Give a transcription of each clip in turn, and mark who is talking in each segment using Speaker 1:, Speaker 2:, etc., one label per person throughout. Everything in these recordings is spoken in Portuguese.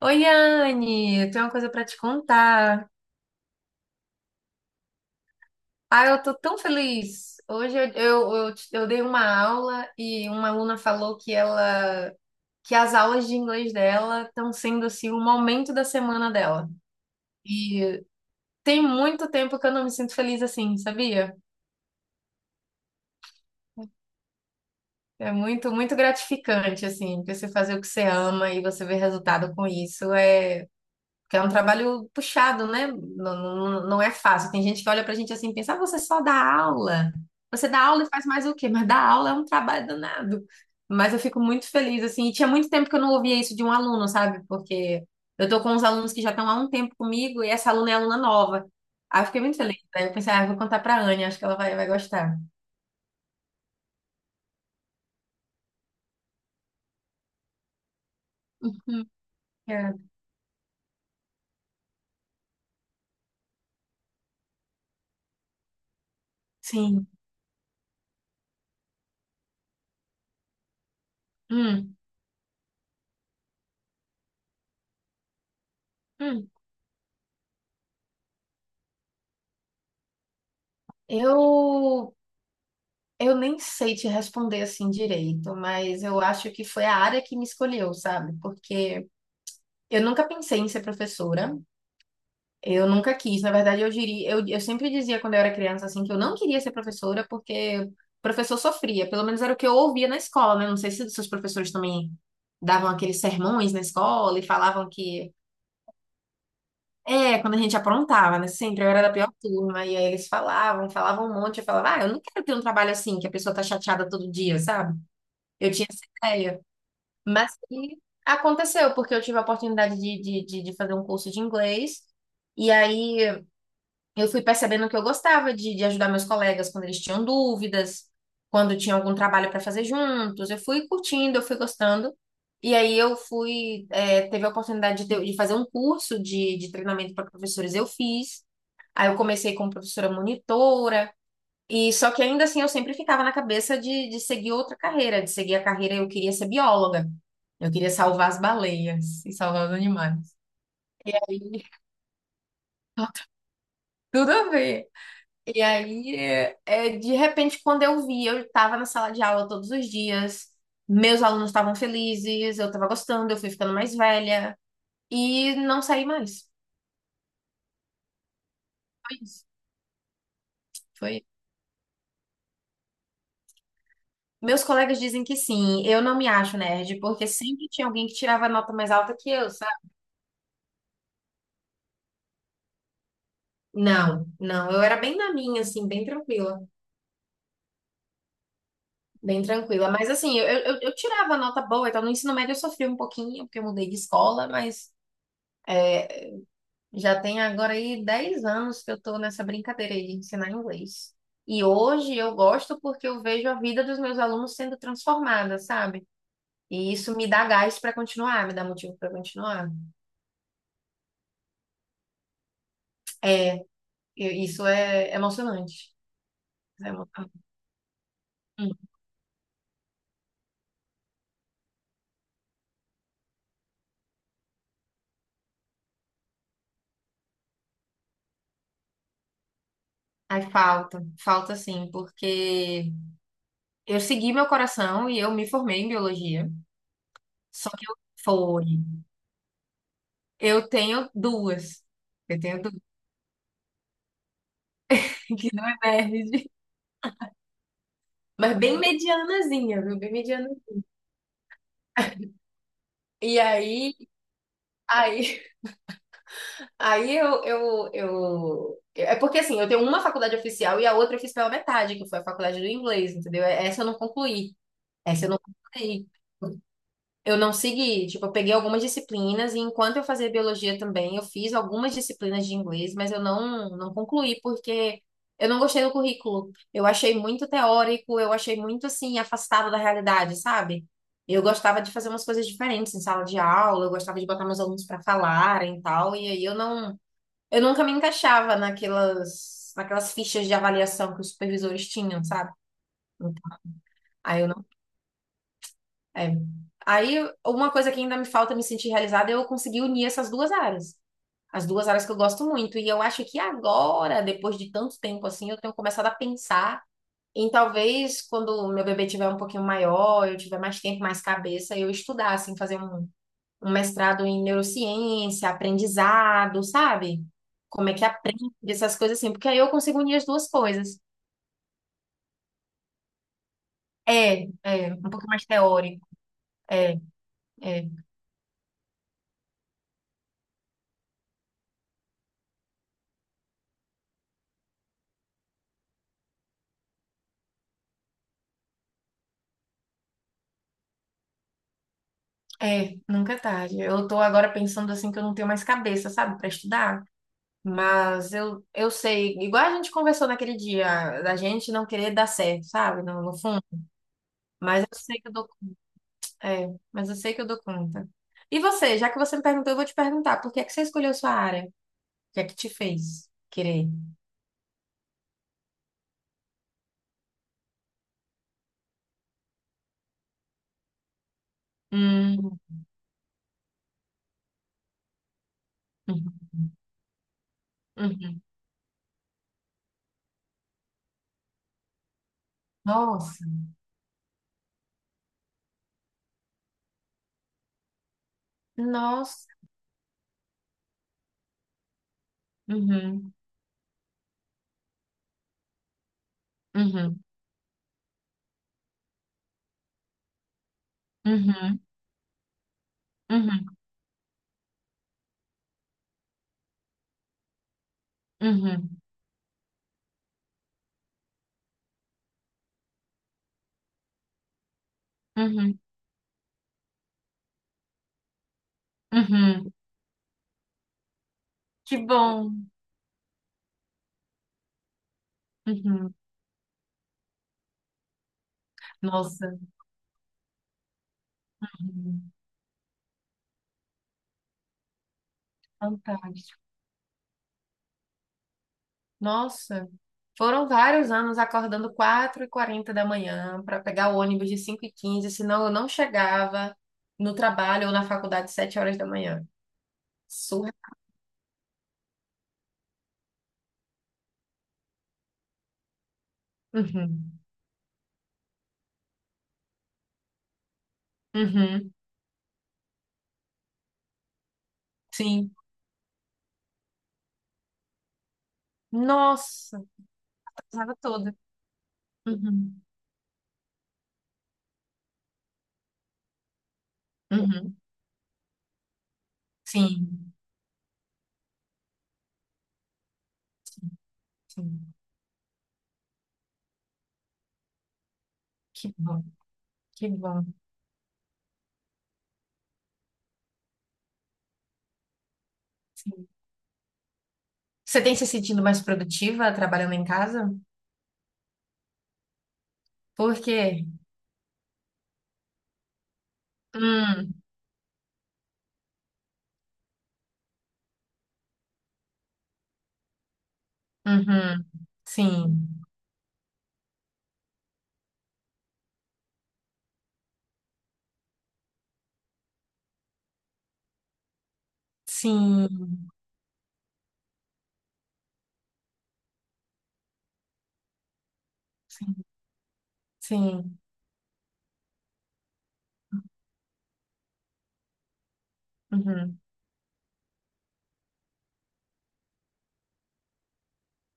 Speaker 1: Oi, Anne, eu tenho uma coisa para te contar. Ah, eu tô tão feliz. Hoje eu dei uma aula e uma aluna falou que as aulas de inglês dela estão sendo assim um momento da semana dela. E tem muito tempo que eu não me sinto feliz assim, sabia? É muito, muito gratificante assim, você fazer o que você ama e você ver resultado com isso. É. Porque é um trabalho puxado, né? Não, não, não é fácil. Tem gente que olha pra gente assim e pensa, ah, você só dá aula. Você dá aula e faz mais o quê? Mas dar aula é um trabalho danado. Mas eu fico muito feliz, assim. E tinha muito tempo que eu não ouvia isso de um aluno, sabe? Porque eu tô com uns alunos que já estão há um tempo comigo e essa aluna é aluna nova. Aí eu fiquei muito feliz. Aí eu pensei, ah, eu vou contar pra Anne, acho que ela vai, vai gostar. Uhum, é, sim. Hum, hum. Eu Eu nem sei te responder assim direito, mas eu acho que foi a área que me escolheu, sabe? Porque eu nunca pensei em ser professora, eu nunca quis. Na verdade, eu diria, eu sempre dizia quando eu era criança assim que eu não queria ser professora porque o professor sofria. Pelo menos era o que eu ouvia na escola, né? Não sei se os seus professores também davam aqueles sermões na escola e falavam que é, quando a gente aprontava, né? Sempre eu era da pior turma e aí eles falavam, falavam um monte, eu falava, ah, eu não quero ter um trabalho assim que a pessoa tá chateada todo dia, sabe? Eu tinha essa ideia. Mas que aconteceu, porque eu tive a oportunidade de fazer um curso de inglês. E aí eu fui percebendo que eu gostava de ajudar meus colegas quando eles tinham dúvidas, quando tinha algum trabalho para fazer juntos. Eu fui curtindo, eu fui gostando. E aí teve a oportunidade de fazer um curso de treinamento para professores, eu fiz. Aí eu comecei como professora monitora. E só que ainda assim eu sempre ficava na cabeça de seguir outra carreira, de seguir a carreira, eu queria ser bióloga. Eu queria salvar as baleias e salvar os animais. Aí, tudo a ver. E aí, de repente, quando eu vi, eu estava na sala de aula todos os dias, meus alunos estavam felizes, eu estava gostando, eu fui ficando mais velha e não saí mais. Foi isso. Foi. Meus colegas dizem que sim, eu não me acho nerd, porque sempre tinha alguém que tirava nota mais alta que eu. Não, não, eu era bem na minha, assim, bem tranquila, bem tranquila. Mas assim, eu tirava nota boa, então no ensino médio eu sofri um pouquinho, porque eu mudei de escola, mas é, já tem agora aí 10 anos que eu tô nessa brincadeira aí de ensinar inglês. E hoje eu gosto porque eu vejo a vida dos meus alunos sendo transformada, sabe? E isso me dá gás para continuar, me dá motivo para continuar. É, isso é emocionante. Isso é emocionante. Hum. Ai, falta, falta sim, porque eu segui meu coração e eu me formei em biologia. Só que eu foi. Eu tenho duas. Eu tenho duas que não é verde. Mas bem medianazinha, viu? Bem mediana. E aí, aí, eu. É porque assim, eu tenho uma faculdade oficial e a outra eu fiz pela metade, que foi a faculdade do inglês, entendeu? Essa eu não concluí. Essa eu não concluí. Eu não segui, tipo, eu peguei algumas disciplinas e enquanto eu fazia biologia também, eu fiz algumas disciplinas de inglês, mas eu não, não concluí porque eu não gostei do currículo. Eu achei muito teórico, eu achei muito assim afastado da realidade, sabe? Eu gostava de fazer umas coisas diferentes em sala de aula, eu gostava de botar meus alunos para falarem e tal, e aí eu não, eu nunca me encaixava naquelas fichas de avaliação que os supervisores tinham, sabe? Então, aí eu é. Aí, uma coisa que ainda me falta me sentir realizada é eu conseguir unir essas duas áreas. As duas áreas que eu gosto muito. E eu acho que agora, depois de tanto tempo assim, eu tenho começado a pensar em talvez quando o meu bebê tiver um pouquinho maior, eu tiver mais tempo, mais cabeça, eu estudar, assim, fazer um, um mestrado em neurociência, aprendizado, sabe? Como é que aprende essas coisas assim, porque aí eu consigo unir as duas coisas. É, é, um pouco mais teórico. É. É. É, nunca é tarde. Eu tô agora pensando assim que eu não tenho mais cabeça, sabe, para estudar. Mas eu sei, igual a gente conversou naquele dia, da gente não querer dar certo, sabe, no fundo. Mas eu sei que eu dou, é, mas eu sei que eu dou conta. E você, já que você me perguntou, eu vou te perguntar, por que é que você escolheu sua área? O que é que te fez querer? Hum, uhum, uhum. Nossa, nossa. Uhum, uhum, uhum, uhum, uhum, uhum, uhum. Que bom. Uhum. Nossa, fantástico. Nossa, foram vários anos acordando 4h40 da manhã para pegar o ônibus de 5h15, senão eu não chegava no trabalho ou na faculdade 7 horas da manhã. Surra. Uhum. Uhum. Sim. Nossa, atrasava toda. Uhum. Uhum. Sim. Sim. Que bom, que bom. Sim. Você tem se sentindo mais produtiva trabalhando em casa? Por quê? Hum. Uhum. Sim. Sim, sim, sim. Uhum.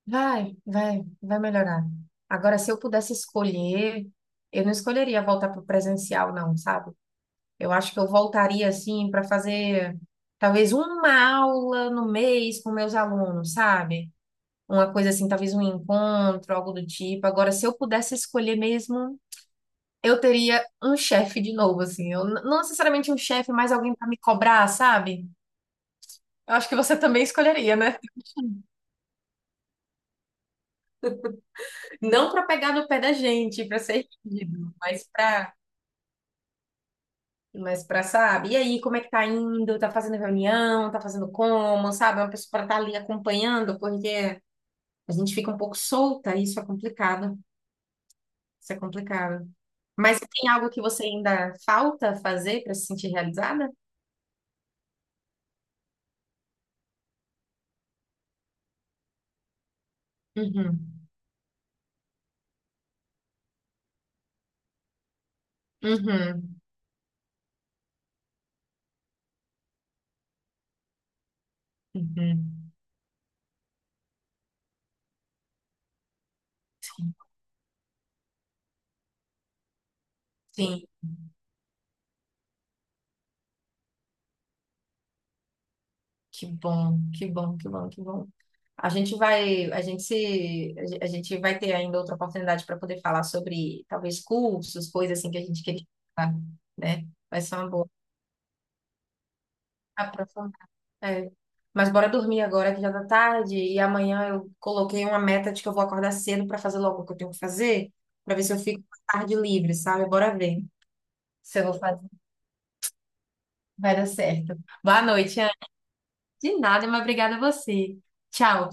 Speaker 1: Vai, vai, vai melhorar. Agora, se eu pudesse escolher, eu não escolheria voltar para o presencial, não, sabe? Eu acho que eu voltaria, assim, para fazer talvez uma aula no mês com meus alunos, sabe? Uma coisa assim, talvez um encontro, algo do tipo. Agora, se eu pudesse escolher mesmo, eu teria um chefe de novo, assim. Eu, não necessariamente um chefe, mas alguém para me cobrar, sabe? Eu acho que você também escolheria, né? Não para pegar no pé da gente, para ser rígido, mas para, sabe? E aí, como é que tá indo? Tá fazendo reunião? Tá fazendo como? Sabe? É uma pessoa para estar ali acompanhando, porque a gente fica um pouco solta, isso é complicado. Isso é complicado. Mas tem algo que você ainda falta fazer para se sentir realizada? Uhum. Uhum. Uhum. Sim, que bom, que bom, que bom, que bom. A gente vai, a gente se, a gen- a gente vai ter ainda outra oportunidade para poder falar sobre talvez cursos, coisas assim que a gente queria, falar, né? Vai ser uma boa aprofundar. É. Mas bora dormir agora que já tá tarde e amanhã eu coloquei uma meta de que eu vou acordar cedo para fazer logo o que eu tenho que fazer, para ver se eu fico com a tarde livre, sabe? Bora ver se eu vou fazer. Vai dar certo. Boa noite, Ana. De nada, mas obrigada a você. Tchau.